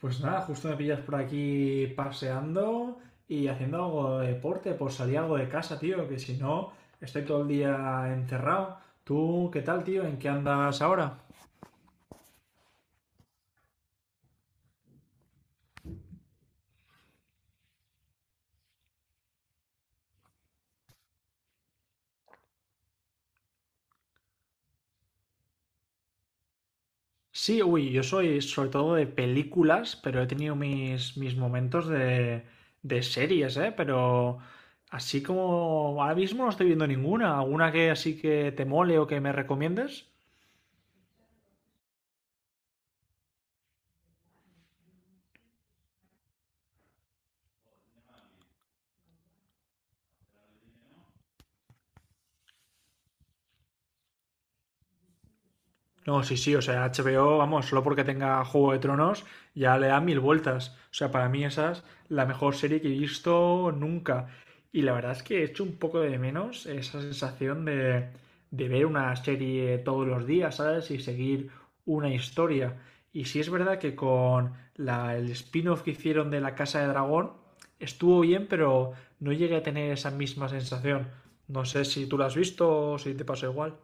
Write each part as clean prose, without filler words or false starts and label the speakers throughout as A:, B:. A: Pues nada, justo me pillas por aquí paseando y haciendo algo de deporte, por salir algo de casa, tío, que si no estoy todo el día encerrado. ¿Tú qué tal, tío? ¿En qué andas ahora? Sí, uy, yo soy sobre todo de películas, pero he tenido mis momentos de series, ¿eh? Pero así como ahora mismo no estoy viendo ninguna. ¿Alguna que así que te mole o que me recomiendes? No, sí, sí, o sea, HBO, vamos, solo porque tenga Juego de Tronos, ya le da mil vueltas. O sea, para mí esa es la mejor serie que he visto nunca. Y la verdad es que he hecho un poco de menos esa sensación de ver una serie todos los días, ¿sabes? Y seguir una historia. Y sí es verdad que con el spin-off que hicieron de La Casa de Dragón estuvo bien, pero no llegué a tener esa misma sensación. No sé si tú la has visto o si te pasó igual.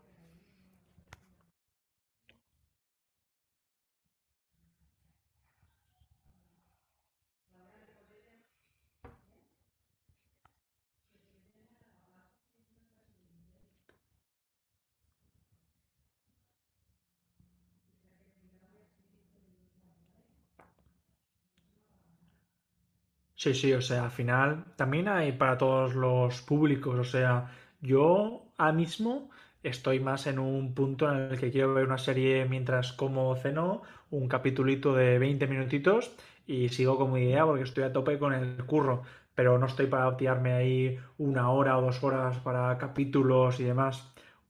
A: Sí, sí, o sea, al final también hay para todos los públicos, o sea, yo ahora mismo estoy más en un punto en el que quiero ver una serie mientras como o ceno, un capitulito de 20 minutitos y sigo con mi idea porque estoy a tope con el curro, pero no estoy para tirarme ahí 1 hora o 2 horas para capítulos y demás.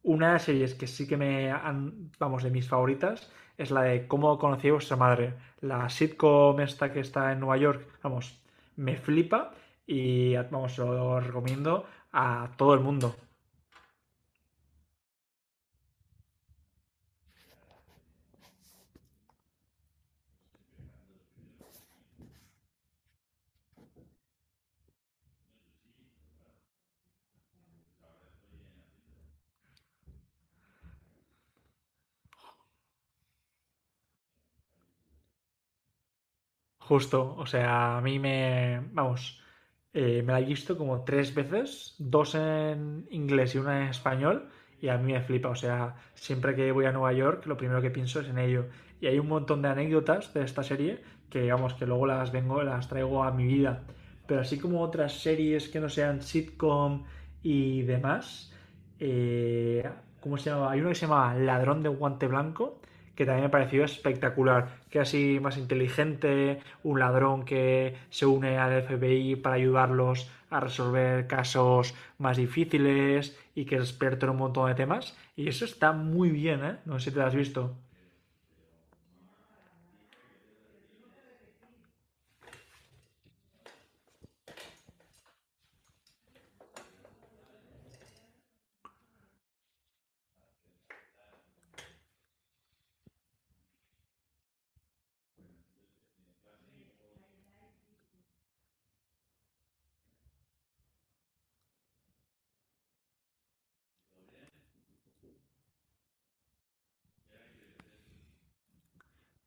A: Una de las series que sí que me han, vamos, de mis favoritas es la de Cómo conocí a vuestra madre, la sitcom esta que está en Nueva York, vamos, me flipa y vamos, lo recomiendo a todo el mundo. Justo, o sea, a mí me, vamos, me la he visto como tres veces, dos en inglés y una en español, y a mí me flipa, o sea, siempre que voy a Nueva York, lo primero que pienso es en ello. Y hay un montón de anécdotas de esta serie que, vamos, que luego las vengo, las traigo a mi vida. Pero así como otras series que no sean sitcom y demás, eh, ¿cómo se llama? Hay uno que se llama Ladrón de Guante Blanco, que también me pareció espectacular, que así más inteligente, un ladrón que se une al FBI para ayudarlos a resolver casos más difíciles y que es experto en un montón de temas. Y eso está muy bien, ¿eh? No sé si te lo has visto.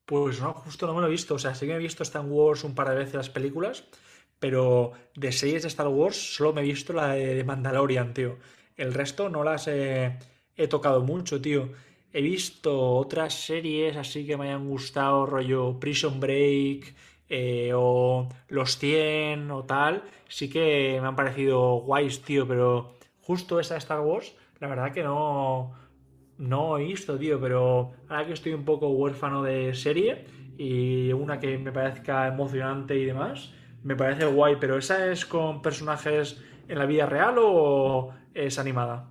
A: Pues no, justo no me lo he visto. O sea, sí que me he visto Star Wars un par de veces las películas, pero de series de Star Wars solo me he visto la de Mandalorian, tío. El resto no las he tocado mucho, tío. He visto otras series así que me hayan gustado, rollo Prison Break, o Los cien o tal. Sí que me han parecido guays, tío, pero justo esa de Star Wars, la verdad que no, no he visto, tío, pero ahora que estoy un poco huérfano de serie y una que me parezca emocionante y demás, me parece guay, pero ¿esa es con personajes en la vida real o es animada?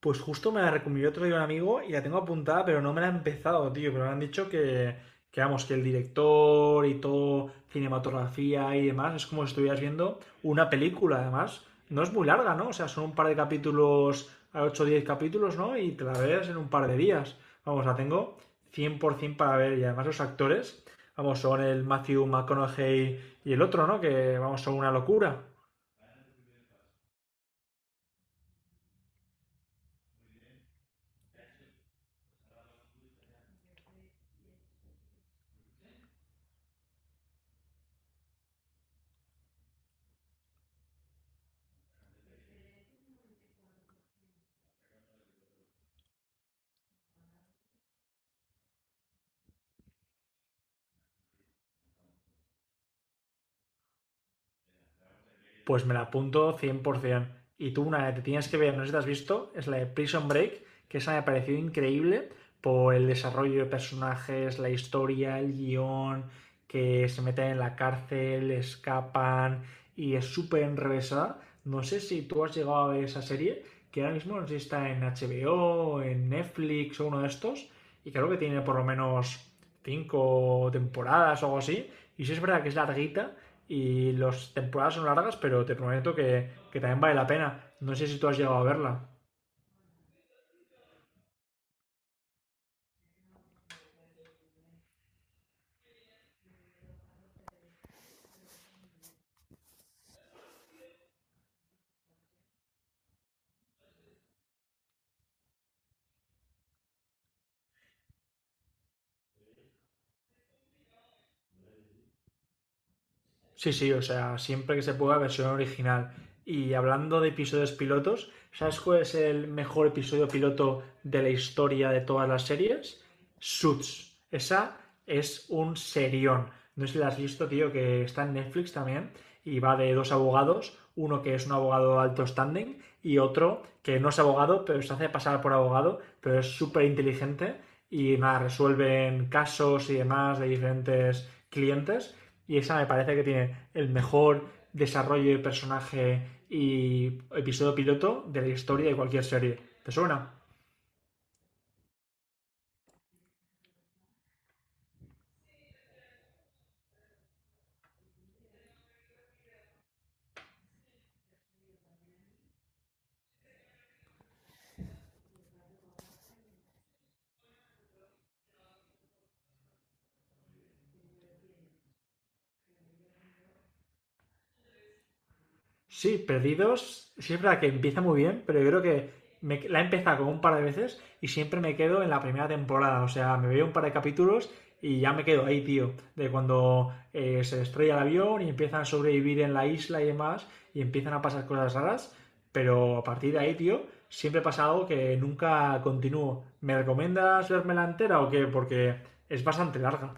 A: Pues justo me la recomendó otro día un amigo y la tengo apuntada, pero no me la he empezado, tío. Pero me han dicho que, vamos, que el director y todo, cinematografía y demás, es como si estuvieras viendo una película, además. No es muy larga, ¿no? O sea, son un par de capítulos, 8 o 10 capítulos, ¿no? Y te la ves en un par de días. Vamos, la tengo 100% para ver. Y además los actores, vamos, son el Matthew McConaughey y el otro, ¿no? Que, vamos, son una locura. Pues me la apunto 100%. Y tú, una que te tienes que ver, no sé si te has visto, es la de Prison Break, que esa me pareció increíble por el desarrollo de personajes, la historia, el guión, que se meten en la cárcel, escapan y es súper enrevesada. No sé si tú has llegado a ver esa serie, que ahora mismo no sé si está en HBO, en Netflix o uno de estos, y creo que tiene por lo menos cinco temporadas o algo así. Y sí es verdad que es larguita y las temporadas son largas, pero te prometo que también vale la pena. No sé si tú has llegado a verla. Sí, sí, o sea, siempre que se pueda, versión original. Y hablando de episodios pilotos, ¿sabes cuál es el mejor episodio piloto de la historia de todas las series? Suits. Esa es un serión. No sé si la has visto, tío, que está en Netflix también y va de dos abogados, uno que es un abogado alto standing y otro que no es abogado, pero se hace pasar por abogado, pero es súper inteligente y nada, resuelven casos y demás de diferentes clientes y esa me parece que tiene el mejor desarrollo de personaje y episodio piloto de la historia de cualquier serie. ¿Te suena? Sí, Perdidos, sí es verdad que empieza muy bien, pero yo creo que la he empezado como un par de veces y siempre me quedo en la primera temporada. O sea, me veo un par de capítulos y ya me quedo ahí, tío. De cuando se estrella el avión y empiezan a sobrevivir en la isla y demás y empiezan a pasar cosas raras. Pero a partir de ahí, tío, siempre pasa algo que nunca continúo. ¿Me recomiendas verme la entera o qué? Porque es bastante larga.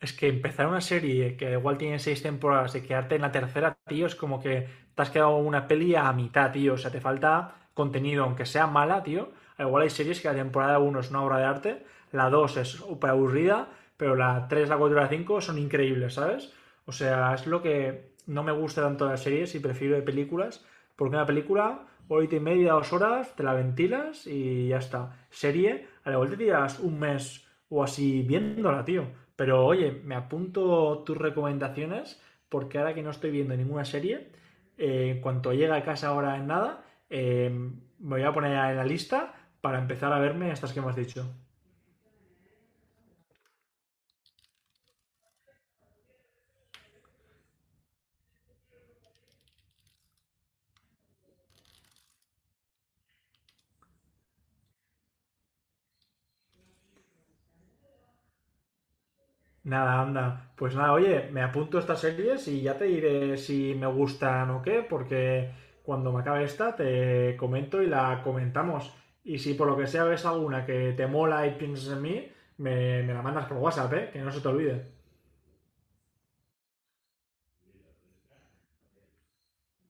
A: Es que empezar una serie que igual tiene seis temporadas y quedarte en la tercera, tío, es como que te has quedado una peli a mitad, tío. O sea, te falta contenido, aunque sea mala, tío. Igual hay series que la temporada uno es una obra de arte, la 2 es súper aburrida, pero la tres, la 4 y la 5 son increíbles, ¿sabes? O sea, es lo que no me gusta tanto de las series y prefiero de películas, porque una película, horita y media, 2 horas, te la ventilas y ya está. Serie, a la vuelta te tiras un mes o así viéndola, tío. Pero oye, me apunto tus recomendaciones porque ahora que no estoy viendo ninguna serie, en cuanto llegue a casa ahora en nada, me voy a poner en la lista para empezar a verme estas que me has dicho. Nada, anda. Pues nada, oye, me apunto estas series y ya te diré si me gustan o qué, porque cuando me acabe esta te comento y la comentamos. Y si por lo que sea ves alguna que te mola y piensas en mí, me la mandas por WhatsApp, ¿eh? Que no se te olvide.